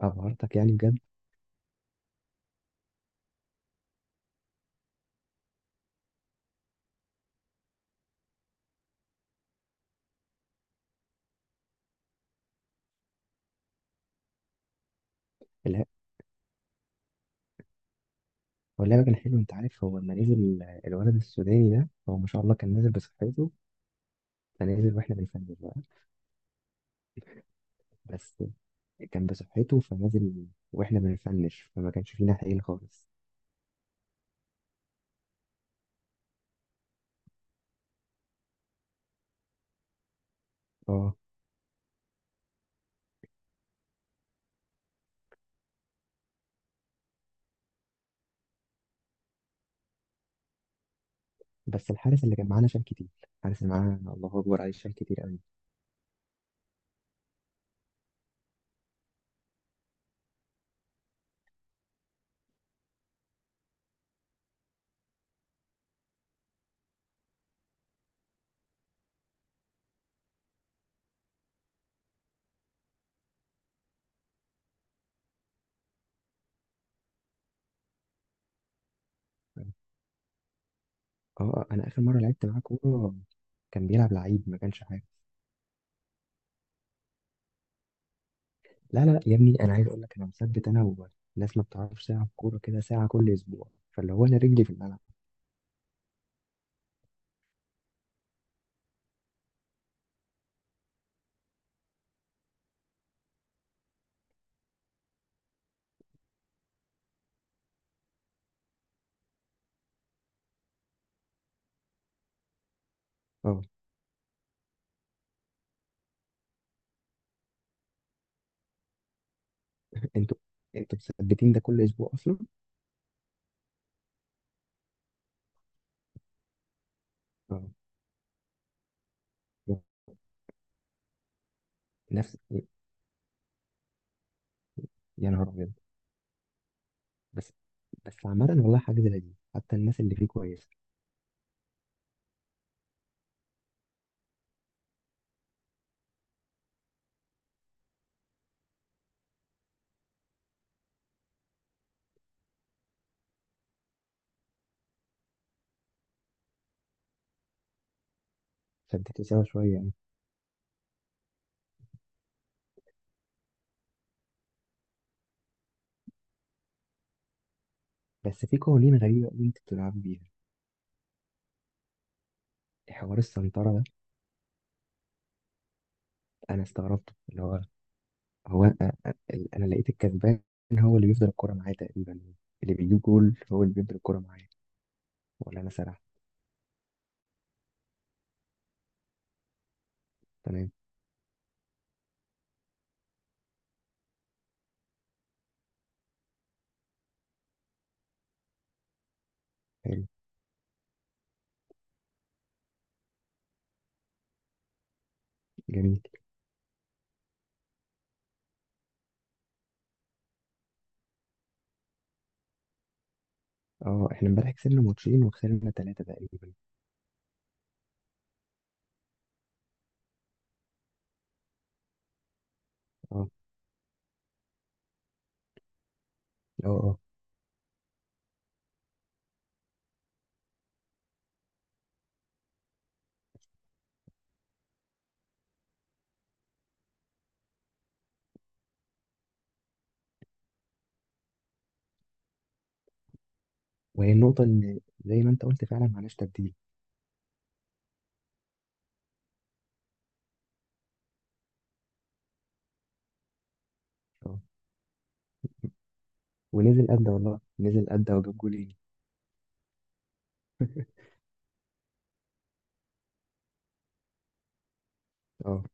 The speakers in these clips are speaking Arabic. أبهرتك يعني بجد. لا، هو اللعبة كان حلو. أنت عارف، هو لما نزل الولد السوداني ده، هو ما شاء الله كان نازل بصحته، فنازل وإحنا بنفنش بقى. بس كان بصحته فنازل وإحنا بنفنش، فما كانش فينا حيل خالص. أه. بس الحارس اللي كان معانا شال كتير. الحارس اللي معانا الله أكبر عليه شال كتير أوي. أه. أنا آخر مرة لعبت معاه كورة كان بيلعب لعيب، ما كانش حاجة. لا لا لا يا ابني، أنا عايز أقول لك، أنا مثبت أنا والناس ما بتعرفش تلعب كورة كده ساعة كل أسبوع. فاللي هو أنا رجلي في الملعب. أه. انتوا انتوا مثبتين ده كل اسبوع اصلا. اه. نفس. يا نهار ابيض. بس بس عامة والله حاجة لذيذة، حتى الناس اللي فيه كويسة. شدتوا سوا شوية يعني. بس في قوانين غريبة قوي انتوا بتلعبوا بيها. حوار السنطرة ده، انا استغربته. اللي هو هو، انا لقيت الكسبان هو اللي بيفضل الكرة معايا تقريبا. اللي بيجيب جول هو اللي بيفضل الكرة معايا. ولا انا سرح. تمام. حلو. جميل. اه احنا امبارح كسبنا ماتشين وخسرنا ثلاثة تقريبا. اه اه اه. وهي النقطة ان زي ما انت قلت فعلا معناش تبديل. اه. ونزل قد والله، نزل قد وجاب جولين. اه.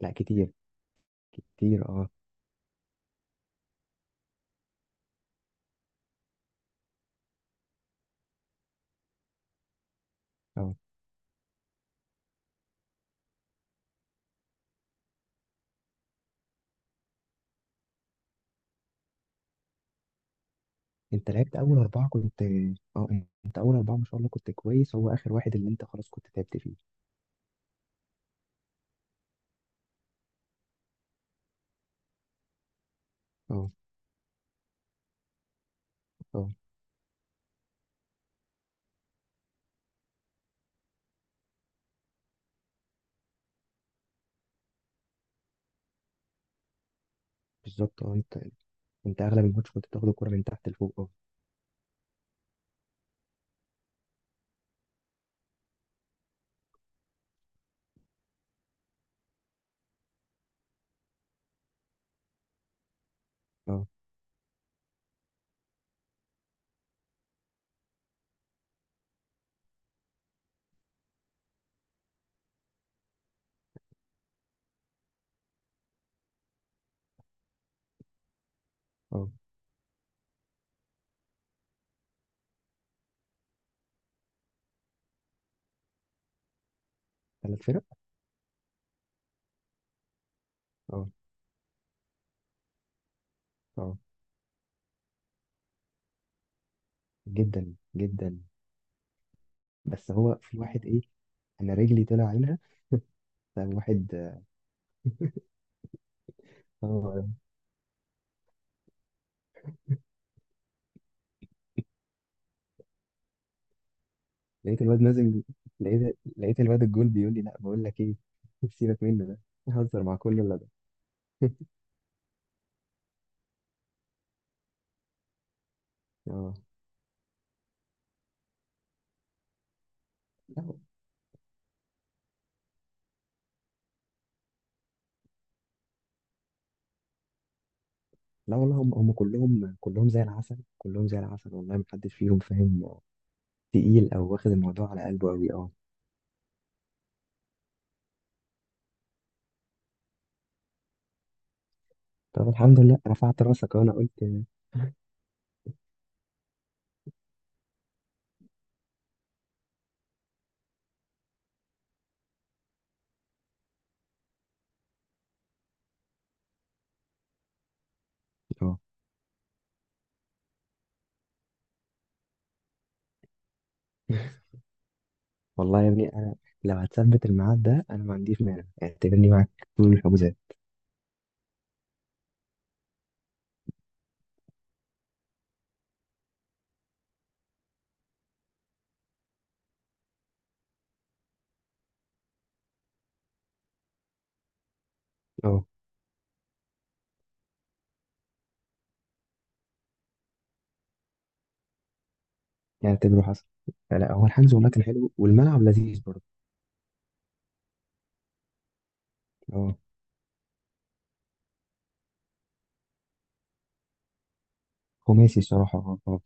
لا كتير. كتير اه. اه. انت لعبت اول اربعه كنت. اه. انت اول اربعه ما شاء الله كنت كويس، هو اخر واحد اللي انت خلاص كنت تعبت فيه. اه اه. بالظبط اه. انت اغلب الماتش كنت بتاخد الكرة من تحت لفوق. اه. اه اه. ثلاث فرق. اه. اه. جدا جدا. بس هو في واحد، ايه، انا رجلي طلع عينها. فواحد، آه، لقيت الواد نازل. لقيت لقيت الواد الجول بيقول لي لا، بقول لك ايه. سيبك منه ده، بيهزر مع كل اللي ده. اه. لا لا، والله هم كلهم كلهم زي العسل، كلهم زي العسل، والله ما حدش فيهم فاهم تقيل او واخد الموضوع على قلبه قوي. اه. طب الحمد لله رفعت راسك، وانا قلت اه والله يا ابني انا، لو هتثبت الميعاد ده انا ما عنديش مانع، اعتبرني معاك طول الحجوزات. اه. يعني اعتبره حصل. لا لا، هو الحجز والله كان حلو والملعب لذيذ برضه. اه. خماسي الصراحه اه.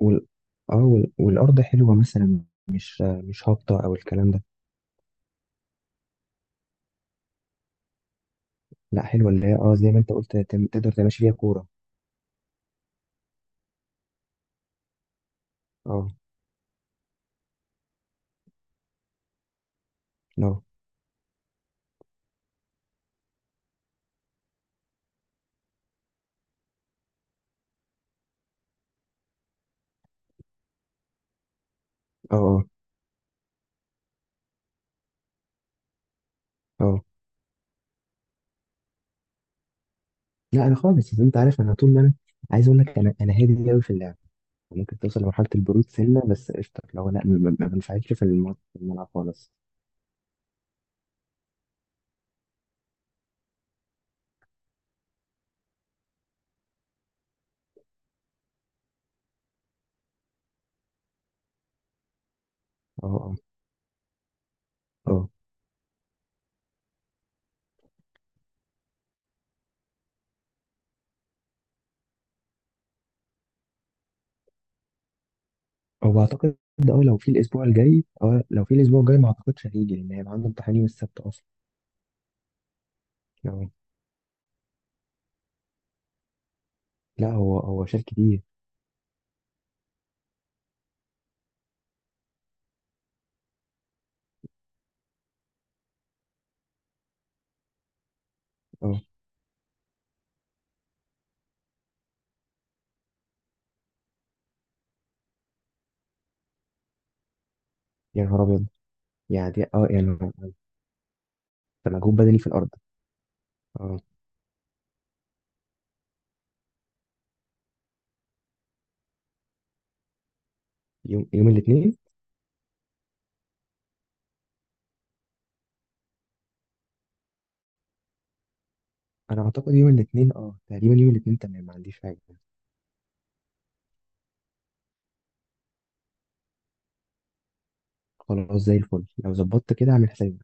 وال... اه، والارض حلوه مثلا، مش هابطه او الكلام ده. لا حلوه، اللي هي اه زي ما انت قلت، تقدر تمشي فيها كوره. اه. لا اه اه اه. لا انا خالص، انت عارف انا طول ما انا عايز اقول لك، انا هادي قوي في اللعب. ممكن توصل لمرحله البرود سنه، بس قشطه لو لا، ما بنفعلش في في الملعب خالص. اه اه اه. هو اعتقد، لو في الاسبوع الجاي ما اعتقدش هيجي لان هيبقى عنده امتحان يوم السبت اصلا. اه. لا هو شال كتير. اه. يا نهار ابيض. يعني دي اه يعني ده مجهود بدني في الارض. اه. يوم الاثنين انا اعتقد. يوم الاثنين اه تقريبا، يوم الاثنين تمام، ما عنديش حاجه. خلاص زي الفل، لو ظبطت كده اعمل حسابي.